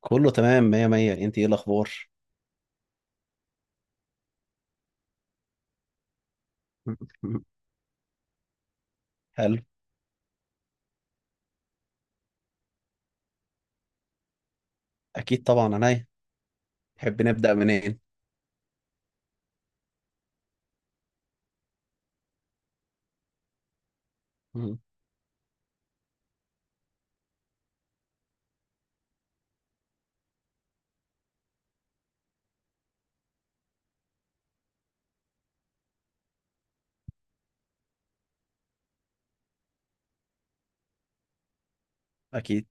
كله تمام، مية مية. انت ايه الاخبار؟ حلو. اكيد طبعا، عينيا. تحب نبدأ منين؟ مم. اكيد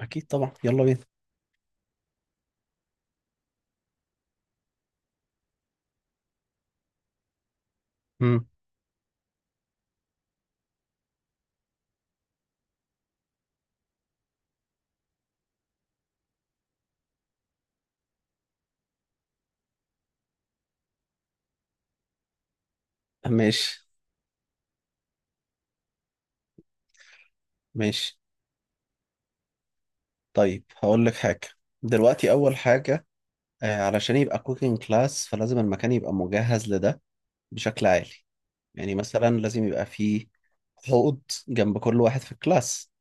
اكيد طبعا، يلا بينا. مم. ماشي. ماشي. طيب هقول لك حاجة. دلوقتي اول حاجة، علشان يبقى كوكينج كلاس فلازم المكان يبقى مجهز لده بشكل عالي. يعني مثلا لازم يبقى فيه حوض جنب كل واحد في الكلاس.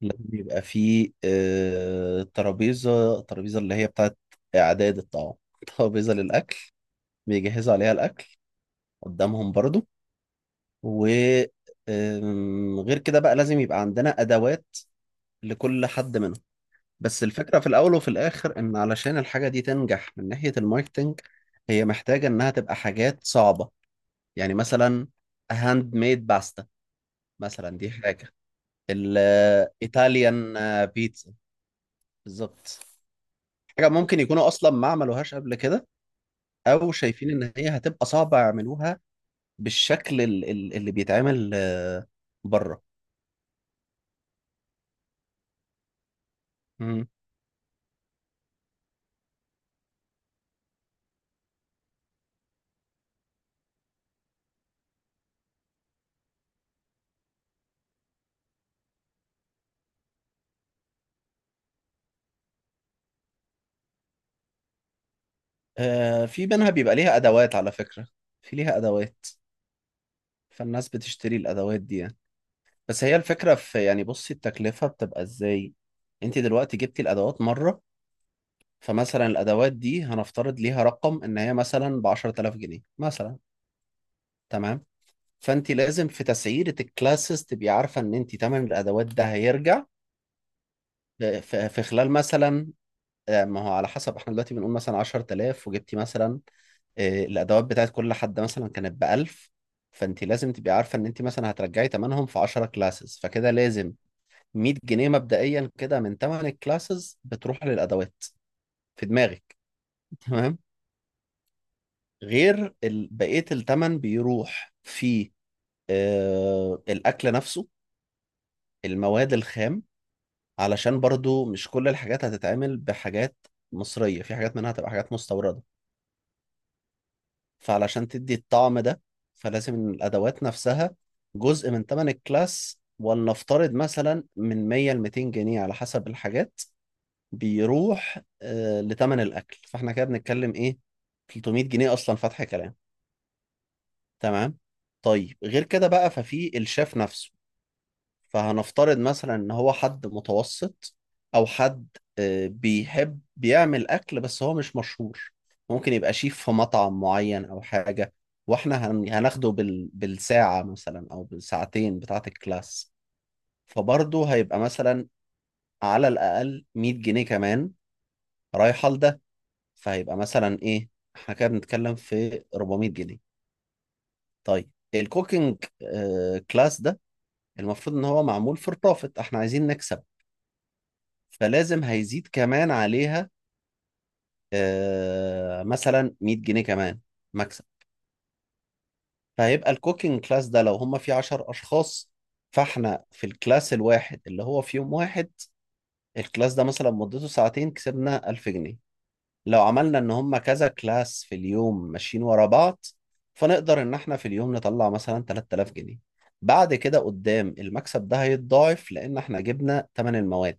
لازم يبقى فيه ترابيزة، اللي هي بتاعت اعداد الطعام. ترابيزة للاكل بيجهزوا عليها الأكل قدامهم برضو. و غير كده بقى لازم يبقى عندنا أدوات لكل حد منهم. بس الفكرة في الأول وفي الآخر إن علشان الحاجة دي تنجح من ناحية الماركتينج، هي محتاجة إنها تبقى حاجات صعبة. يعني مثلا هاند ميد باستا، مثلا دي حاجة الإيطاليان. بيتزا بالظبط. حاجة ممكن يكونوا أصلا ما عملوهاش قبل كده، أو شايفين إن هي هتبقى صعبة يعملوها بالشكل اللي بيتعمل بره. مم. في منها بيبقى ليها أدوات على فكرة، في ليها أدوات. فالناس بتشتري الأدوات دي يعني. بس هي الفكرة في، يعني بصي التكلفة بتبقى إزاي. أنت دلوقتي جبتي الأدوات مرة، فمثلا الأدوات دي هنفترض ليها رقم إن هي مثلا ب 10000 جنيه مثلا. تمام. فأنت لازم في تسعيرة الكلاسز تبقي عارفة إن أنت تمن الأدوات ده هيرجع في في خلال مثلا. ما هو على حسب، احنا دلوقتي بنقول مثلا 10000، وجبتي مثلا الادوات بتاعت كل حد مثلا كانت ب 1000. فانت لازم تبقي عارفه ان انت مثلا هترجعي ثمنهم في 10 كلاسز، فكده لازم 100 جنيه مبدئيا كده من ثمن الكلاسز بتروح للادوات. في دماغك. تمام. غير بقيه الثمن بيروح في الاكل نفسه، المواد الخام، علشان برضو مش كل الحاجات هتتعمل بحاجات مصريه، في حاجات منها هتبقى حاجات مستورده، فعلشان تدي الطعم ده. فلازم إن الأدوات نفسها جزء من تمن الكلاس، ولنفترض مثلا من 100 ل 200 جنيه على حسب الحاجات بيروح لتمن الأكل. فاحنا كده بنتكلم إيه، 300 جنيه أصلا فتح كلام. تمام. طيب غير كده بقى، ففي الشيف نفسه. فهنفترض مثلا ان هو حد متوسط، او حد بيحب بيعمل اكل بس هو مش مشهور، ممكن يبقى شيف في مطعم معين او حاجة. واحنا هناخده بالساعة مثلا او بالساعتين بتاعة الكلاس. فبرضه هيبقى مثلا على الاقل 100 جنيه كمان رايحة لده. فهيبقى مثلا ايه، احنا كده بنتكلم في 400 جنيه. طيب الكوكينج كلاس ده، المفروض ان هو معمول فور بروفيت، احنا عايزين نكسب. فلازم هيزيد كمان عليها مثلا 100 جنيه كمان مكسب. فهيبقى الكوكينج كلاس ده لو هم فيه 10 اشخاص، فاحنا في الكلاس الواحد اللي هو في يوم واحد، الكلاس ده مثلا مدته ساعتين، كسبنا 1000 جنيه. لو عملنا ان هم كذا كلاس في اليوم ماشيين ورا بعض، فنقدر ان احنا في اليوم نطلع مثلا 3000 جنيه. بعد كده قدام المكسب ده هيتضاعف لان احنا جبنا ثمن المواد،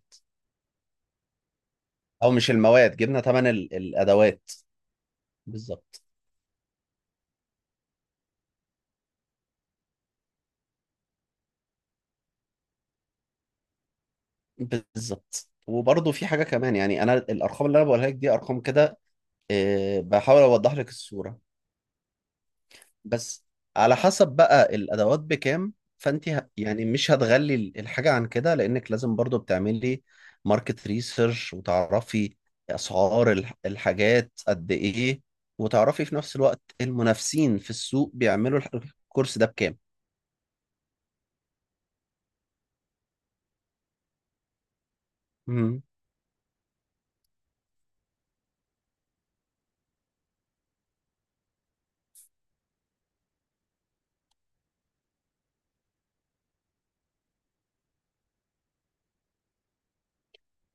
او مش المواد، جبنا ثمن الادوات. بالظبط. بالظبط وبرضه في حاجة كمان. يعني أنا الأرقام اللي أنا بقولها لك دي أرقام كده، بحاول أوضح لك الصورة. بس على حسب بقى الأدوات بكام، فأنت يعني مش هتغلي الحاجة عن كده، لأنك لازم برضه بتعملي ماركت ريسيرش وتعرفي أسعار الحاجات قد إيه، وتعرفي في نفس الوقت المنافسين في السوق بيعملوا الكورس ده بكام.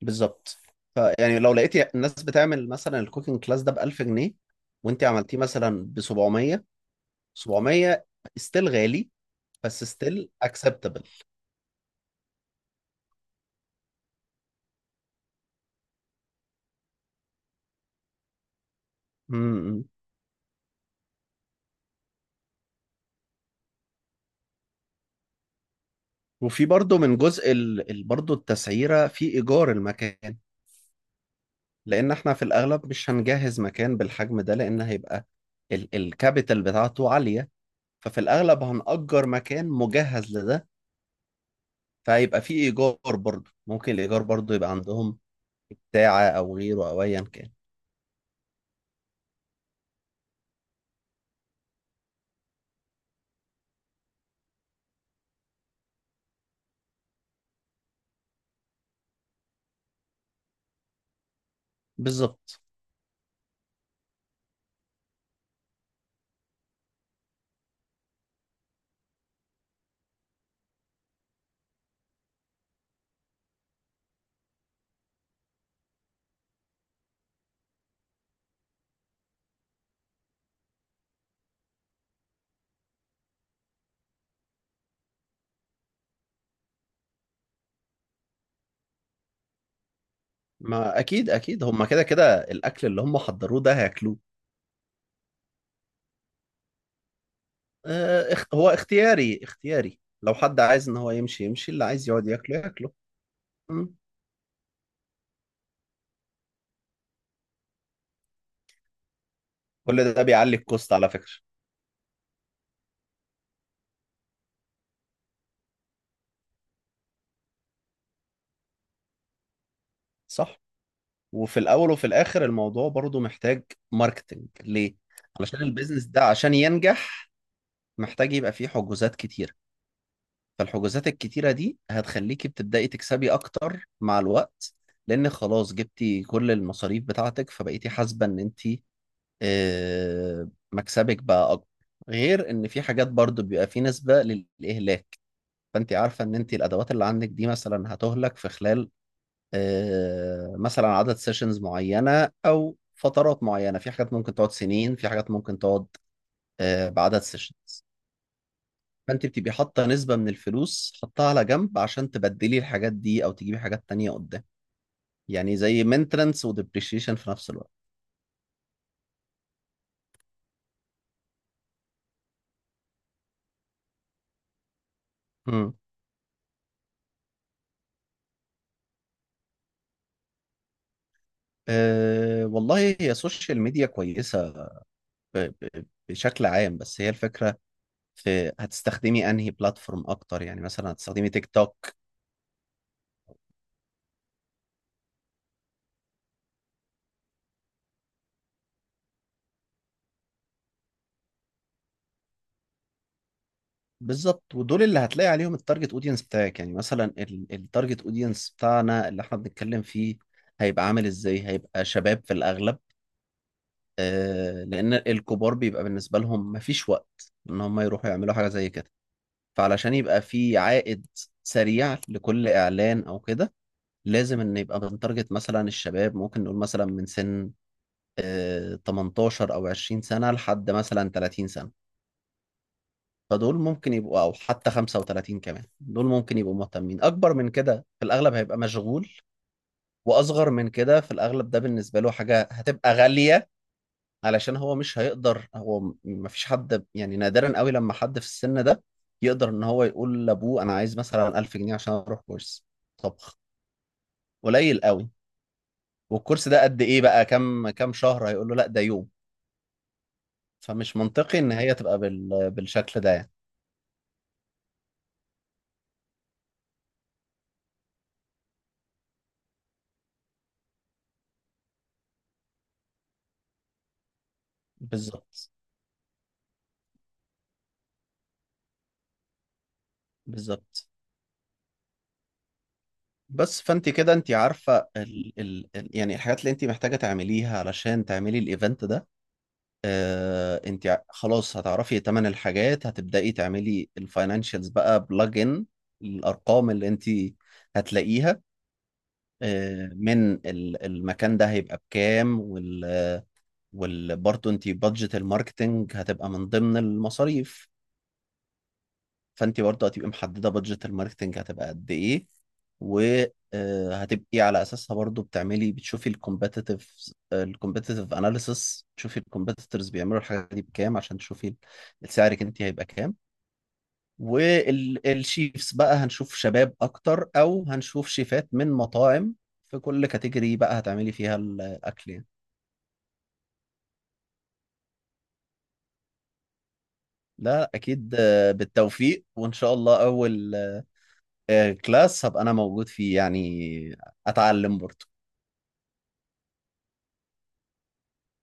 بالظبط. فيعني لو لقيتي الناس بتعمل مثلا الكوكينج كلاس ده ب 1000 جنيه، وانت عملتيه مثلا ب 700، 700 ستيل غالي بس ستيل اكسبتبل. امم. وفي برضه من جزء برضه التسعيره في ايجار المكان، لان احنا في الاغلب مش هنجهز مكان بالحجم ده لان هيبقى الكابيتال بتاعته عاليه. ففي الاغلب هنأجر مكان مجهز لده، فهيبقى في ايجار برضه. ممكن الايجار برضه يبقى عندهم بتاعه او غيره او ايا كان. بالظبط. ما اكيد اكيد هم كده كده الاكل اللي هم حضروه ده هياكلوه. هو اختياري اختياري، لو حد عايز ان هو يمشي يمشي، اللي عايز يقعد ياكله ياكله. مم. كل ده بيعلي الكوست على فكرة. صح. وفي الاول وفي الاخر الموضوع برضو محتاج ماركتنج ليه. علشان البيزنس ده عشان ينجح محتاج يبقى فيه حجوزات كتيرة. فالحجوزات الكتيرة دي هتخليكي بتبدأي تكسبي اكتر مع الوقت، لان خلاص جبتي كل المصاريف بتاعتك، فبقيتي حاسبة ان انت مكسبك بقى اكبر. غير ان في حاجات برضو بيبقى في نسبة للاهلاك. فانت عارفة ان انت الادوات اللي عندك دي مثلا هتهلك في خلال مثلا عدد سيشنز معينة او فترات معينة، في حاجات ممكن تقعد سنين، في حاجات ممكن تقعد بعدد سيشنز. فانت بتبقي حاطة نسبة من الفلوس حطها على جنب عشان تبدلي الحاجات دي او تجيبي حاجات تانية قدام. يعني زي مينترنس وديبريشيشن في نفس الوقت. مم. أه والله هي سوشيال ميديا كويسة بشكل عام. بس هي الفكرة في هتستخدمي انهي بلاتفورم اكتر. يعني مثلا هتستخدمي تيك توك. بالظبط، ودول اللي هتلاقي عليهم التارجت اودينس بتاعك. يعني مثلا التارجت اودينس بتاعنا اللي احنا بنتكلم فيه هيبقى عامل ازاي، هيبقى شباب في الاغلب. آه لان الكبار بيبقى بالنسبة لهم مفيش وقت ان هم يروحوا يعملوا حاجة زي كده. فعلشان يبقى في عائد سريع لكل اعلان او كده، لازم ان يبقى بنتارجت مثلا الشباب، ممكن نقول مثلا من سن 18 او 20 سنة لحد مثلا 30 سنة. فدول ممكن يبقوا، او حتى 35 كمان دول ممكن يبقوا مهتمين. اكبر من كده في الاغلب هيبقى مشغول، واصغر من كده في الاغلب ده بالنسبة له حاجة هتبقى غالية. علشان هو مش هيقدر، هو مفيش حد، يعني نادرا قوي لما حد في السن ده يقدر ان هو يقول لابوه انا عايز مثلا 1000 جنيه عشان اروح كورس طبخ. قليل قوي. والكورس ده قد ايه بقى، كام كام شهر؟ هيقول له لا ده يوم. فمش منطقي ان هي تبقى بالشكل ده يعني. بالظبط. بالظبط بس، فانت كده انت عارفه يعني الحاجات اللي انت محتاجه تعمليها علشان تعملي الايفنت ده. آه، انت خلاص هتعرفي تمن الحاجات، هتبداي تعملي الفاينانشالز بقى بلج ان الارقام اللي انت هتلاقيها من المكان ده هيبقى بكام، وال وال برضه انت بادجت الماركتنج هتبقى من ضمن المصاريف. فانت برضه هتبقي محدده بادجت الماركتنج هتبقى قد ايه، وهتبقي على اساسها برضه بتعملي، بتشوفي الكومبetitive اناليسس، تشوفي الكومبيتيتورز بيعملوا الحاجه دي بكام عشان تشوفي السعرك انت هيبقى كام. والشيفs بقى هنشوف شباب اكتر او هنشوف شيفات من مطاعم في كل كاتيجوري بقى هتعملي فيها الاكل يعني. لا اكيد، بالتوفيق وان شاء الله اول كلاس هبقى انا موجود فيه يعني، اتعلم برضه.